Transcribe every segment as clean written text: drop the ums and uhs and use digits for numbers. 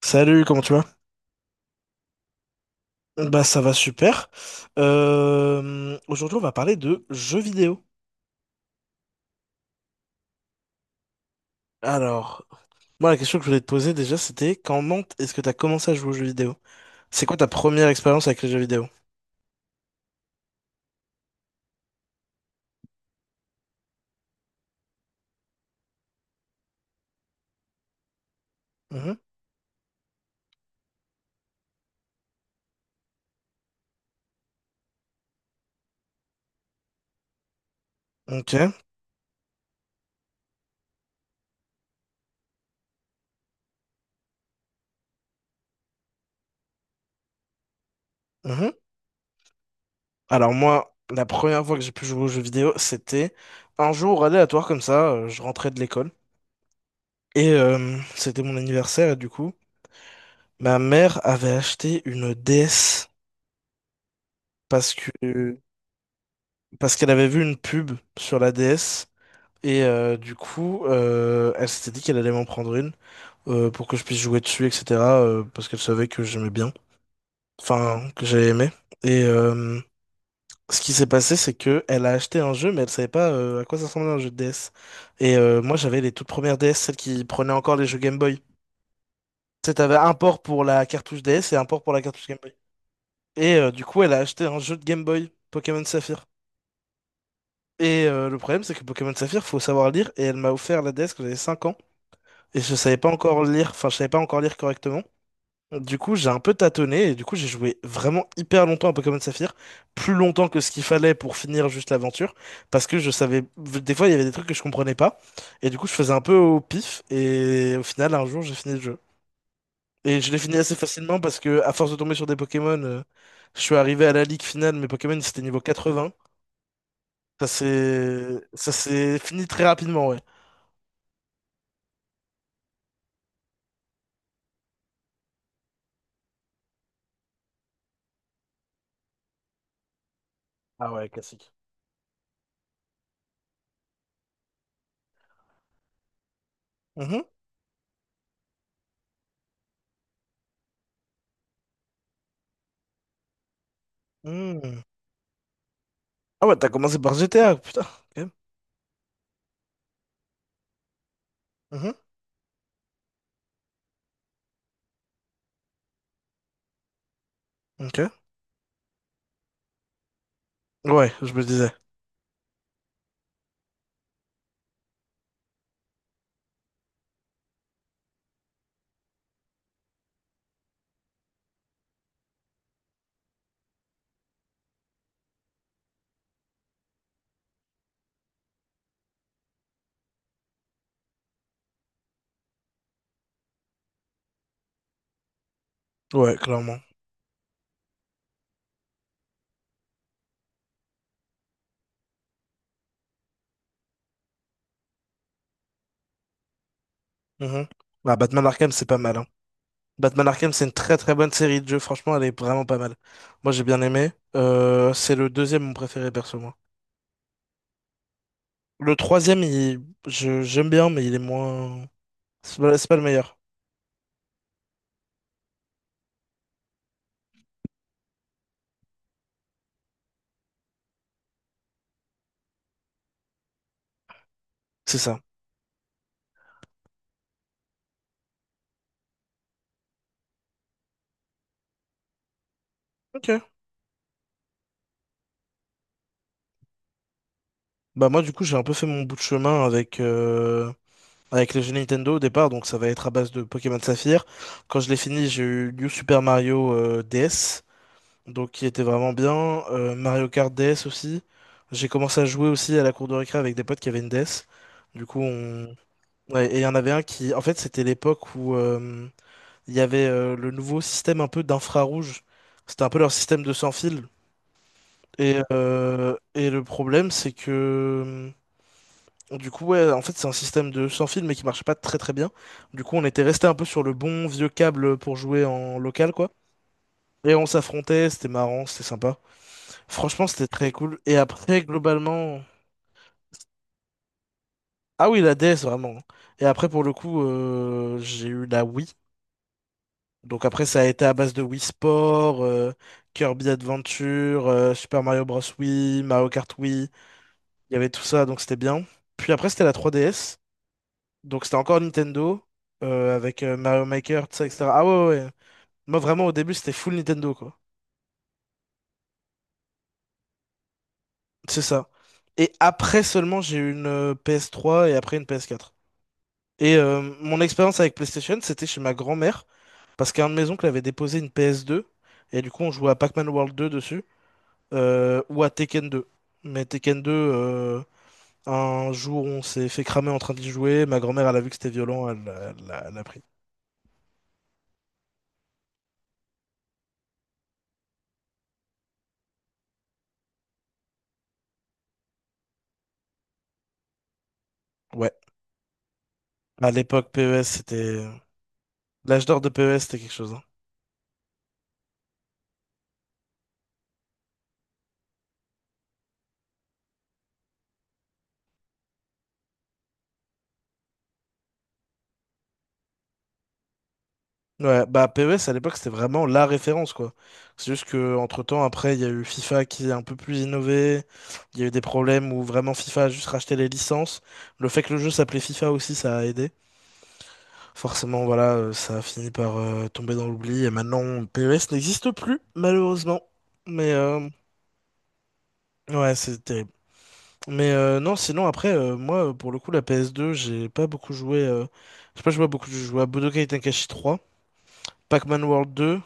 Salut, comment tu vas? Bah ça va super. Aujourd'hui on va parler de jeux vidéo. Alors, moi la question que je voulais te poser déjà c'était comment est-ce que t'as commencé à jouer aux jeux vidéo? C'est quoi ta première expérience avec les jeux vidéo? Mhm. Ok. Mhm. Alors moi, la première fois que j'ai pu jouer aux jeux vidéo, c'était un jour aléatoire comme ça, je rentrais de l'école. C'était mon anniversaire et du coup, ma mère avait acheté une DS parce que parce qu'elle avait vu une pub sur la DS. Elle s'était dit qu'elle allait m'en prendre une pour que je puisse jouer dessus, etc. Parce qu'elle savait que j'aimais bien, enfin que j'avais aimé. Et euh, ce qui s'est passé, c'est que elle a acheté un jeu, mais elle savait pas à quoi ça ressemblait un jeu de DS. Moi, j'avais les toutes premières DS, celles qui prenaient encore les jeux Game Boy. Tu sais, t'avais un port pour la cartouche DS et un port pour la cartouche Game Boy. Du coup, elle a acheté un jeu de Game Boy, Pokémon Saphir. Le problème, c'est que Pokémon Saphir, faut savoir lire, et elle m'a offert la DS quand j'avais 5 ans. Et je savais pas encore lire, enfin, je savais pas encore lire correctement. Du coup, j'ai un peu tâtonné et du coup, j'ai joué vraiment hyper longtemps à Pokémon Saphir, plus longtemps que ce qu'il fallait pour finir juste l'aventure, parce que je savais, des fois, il y avait des trucs que je comprenais pas, et du coup, je faisais un peu au pif, et au final, un jour, j'ai fini le jeu. Et je l'ai fini assez facilement parce que, à force de tomber sur des Pokémon, je suis arrivé à la ligue finale, mes Pokémon, c'était niveau 80. Ça s'est fini très rapidement, ouais. Ah ouais, classique. Mhm. Mhm. Ah ouais, t'as commencé par GTA, putain. Ok. Mhm. Ok. Ouais, je me disais. Ouais, clairement. Mhm. Ah, Batman Arkham, c'est pas mal, hein. Batman Arkham, c'est une très très bonne série de jeux. Franchement, elle est vraiment pas mal. Moi, j'ai bien aimé. C'est le deuxième mon préféré, perso, moi. Le troisième, j'aime bien, mais il est moins. C'est pas le meilleur. C'est ça. Ok. Bah moi, du coup, j'ai un peu fait mon bout de chemin avec les jeux Nintendo au départ, donc ça va être à base de Pokémon Saphir. Quand je l'ai fini, j'ai eu New Super Mario DS, donc qui était vraiment bien. Mario Kart DS aussi. J'ai commencé à jouer aussi à la cour de récré avec des potes qui avaient une DS. Du coup, on... ouais, et il y en avait un qui, en fait, c'était l'époque où il y avait le nouveau système un peu d'infrarouge. C'était un peu leur système de sans fil. Et le problème, c'est que du coup, ouais, en fait, c'est un système de sans fil, mais qui marchait pas très très bien. Du coup, on était resté un peu sur le bon vieux câble pour jouer en local, quoi. Et on s'affrontait, c'était marrant, c'était sympa. Franchement, c'était très cool. Et après, globalement. Ah oui, la DS, vraiment. Et après, pour le coup, j'ai eu la Wii. Donc après, ça a été à base de Wii Sport, Kirby Adventure, Super Mario Bros. Wii, Mario Kart Wii. Il y avait tout ça, donc c'était bien. Puis après, c'était la 3DS. Donc c'était encore Nintendo, avec Mario Maker, tout ça, etc. Ah ouais, ouais, ouais. Moi, vraiment, au début, c'était full Nintendo, quoi. C'est ça. Et après seulement, j'ai eu une PS3 et après une PS4. Mon expérience avec PlayStation, c'était chez ma grand-mère, parce qu'un de mes oncles avait déposé une PS2, et du coup on jouait à Pac-Man World 2 dessus, ou à Tekken 2. Mais Tekken 2, un jour on s'est fait cramer en train d'y jouer, ma grand-mère elle a vu que c'était violent, elle a pris. Ouais, à l'époque PES c'était... L'âge d'or de PES c'était quelque chose, hein. Ouais, bah PES à l'époque c'était vraiment la référence quoi. C'est juste que entre-temps après il y a eu FIFA qui est un peu plus innové, il y a eu des problèmes où vraiment FIFA a juste racheté les licences. Le fait que le jeu s'appelait FIFA aussi ça a aidé. Forcément voilà, ça a fini par tomber dans l'oubli et maintenant PES n'existe plus malheureusement. Mais euh, ouais, c'est terrible. Mais non, sinon après moi pour le coup la PS2, j'ai pas beaucoup joué j'ai pas joué à beaucoup de jeux, j'ai joué à Budokai Tenkaichi 3, Pac-Man World 2,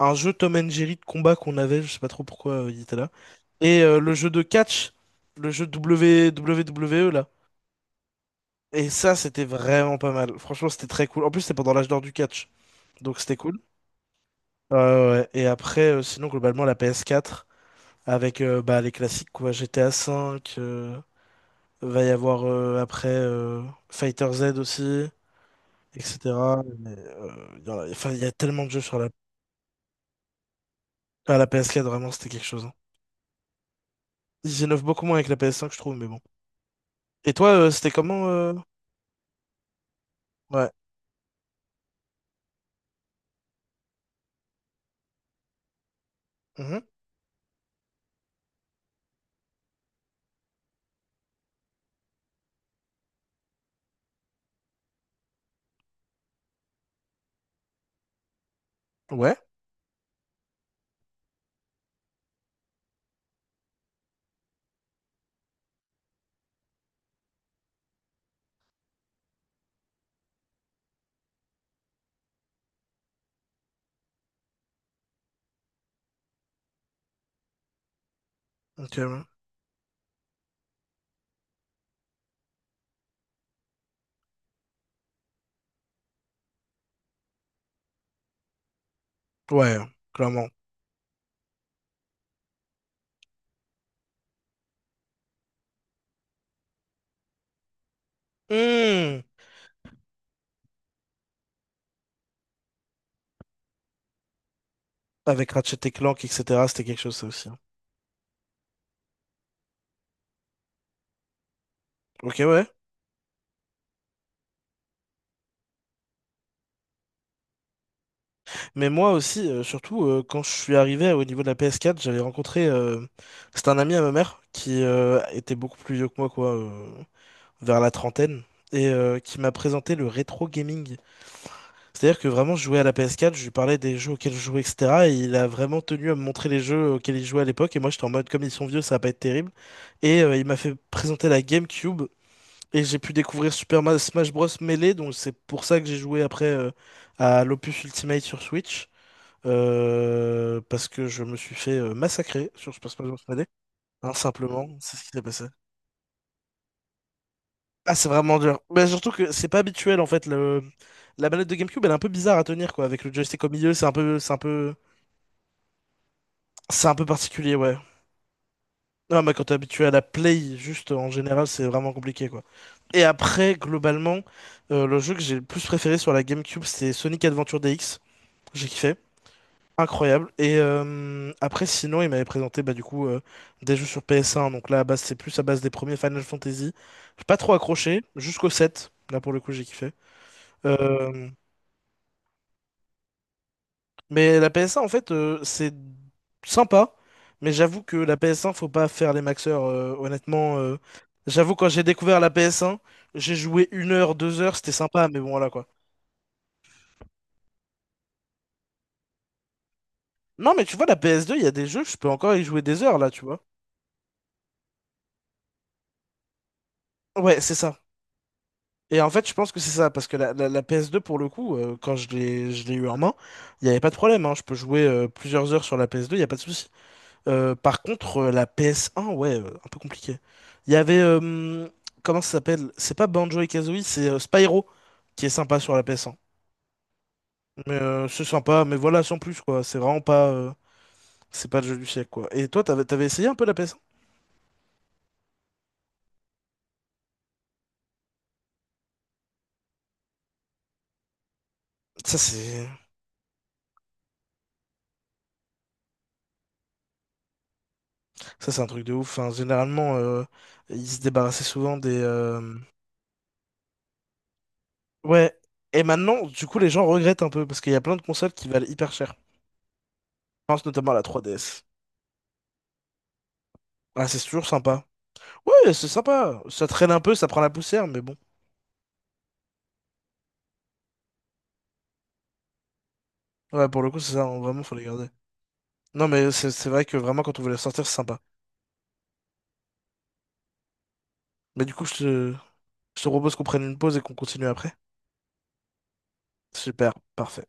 un jeu Tom and Jerry de combat qu'on avait, je sais pas trop pourquoi il était là. Le jeu de catch, le jeu W W E là. Et ça, c'était vraiment pas mal. Franchement, c'était très cool. En plus, c'était pendant l'âge d'or du catch, donc c'était cool. Ouais. Et après, sinon, globalement, la PS4, avec bah, les classiques, quoi. GTA V, va y avoir après Fighter Z aussi, etc. Mais, enfin, il y a tellement de jeux sur la, à la PS4, vraiment, c'était quelque chose, hein. Ils innovent beaucoup moins avec la PS5, je trouve, mais bon. Et toi, c'était comment Ouais. Mhm. Ouais. Ok. Ouais, ouais, clairement. Hmm. Avec Ratchet et Clank, etc., c'était quelque chose, ça aussi, hein. Ok, ouais. Mais moi aussi, surtout, quand je suis arrivé au niveau de la PS4, j'avais rencontré. C'était un ami à ma mère qui était beaucoup plus vieux que moi, quoi, vers la trentaine, qui m'a présenté le rétro gaming. C'est-à-dire que vraiment, je jouais à la PS4, je lui parlais des jeux auxquels je jouais, etc. Et il a vraiment tenu à me montrer les jeux auxquels il jouait à l'époque. Et moi, j'étais en mode, comme ils sont vieux, ça va pas être terrible. Il m'a fait présenter la GameCube. Et j'ai pu découvrir Smash Bros. Melee. Donc, c'est pour ça que j'ai joué après à l'Opus Ultimate sur Switch, parce que je me suis fait massacrer sur Super Smash Bros. Melee. Hein, simplement, c'est ce qui s'est passé. Ah, c'est vraiment dur. Mais surtout que c'est pas habituel, en fait. Le... la manette de GameCube, elle est un peu bizarre à tenir, quoi. Avec le joystick au milieu, c'est un peu, c'est un peu. C'est un peu particulier, ouais. Non, mais quand t'es habitué à la play, juste en général, c'est vraiment compliqué, quoi. Et après, globalement, le jeu que j'ai le plus préféré sur la GameCube, c'était Sonic Adventure DX. J'ai kiffé. Incroyable. Après, sinon, il m'avait présenté bah, du coup des jeux sur PS1. Donc là, à base, c'est plus à base des premiers Final Fantasy. J'ai pas trop accroché, jusqu'au 7. Là, pour le coup, j'ai kiffé. Euh, Mais la PS1, en fait, c'est sympa. Mais j'avoue que la PS1, faut pas faire les maxeurs, honnêtement. J'avoue, quand j'ai découvert la PS1, j'ai joué 1 heure, 2 heures, c'était sympa, mais bon, voilà quoi. Non, mais tu vois, la PS2, il y a des jeux, je peux encore y jouer des heures là, tu vois. Ouais, c'est ça. Et en fait, je pense que c'est ça, parce que la PS2, pour le coup, quand je l'ai eu en main, il n'y avait pas de problème, hein, je peux jouer plusieurs heures sur la PS2, il n'y a pas de souci. Par contre, la PS1, ouais, un peu compliqué. Il y avait, comment ça s'appelle? C'est pas Banjo-Kazooie, et Kazooie, c'est Spyro qui est sympa sur la PS1. Mais c'est sympa, mais voilà, sans plus quoi. C'est vraiment pas, c'est pas le jeu du siècle quoi. Et toi, t'avais essayé un peu la PS1? Ça c'est, ça c'est un truc de ouf. Enfin, généralement, ils se débarrassaient souvent des, ouais. Et maintenant, du coup, les gens regrettent un peu parce qu'il y a plein de consoles qui valent hyper cher. Je pense notamment à la 3DS. Ah, c'est toujours sympa. Ouais, c'est sympa. Ça traîne un peu, ça prend la poussière, mais bon. Ouais, pour le coup, c'est ça, vraiment, faut les garder. Non, mais c'est vrai que vraiment, quand on veut les sortir, c'est sympa. Mais du coup, je te propose qu'on prenne une pause et qu'on continue après. Super, parfait.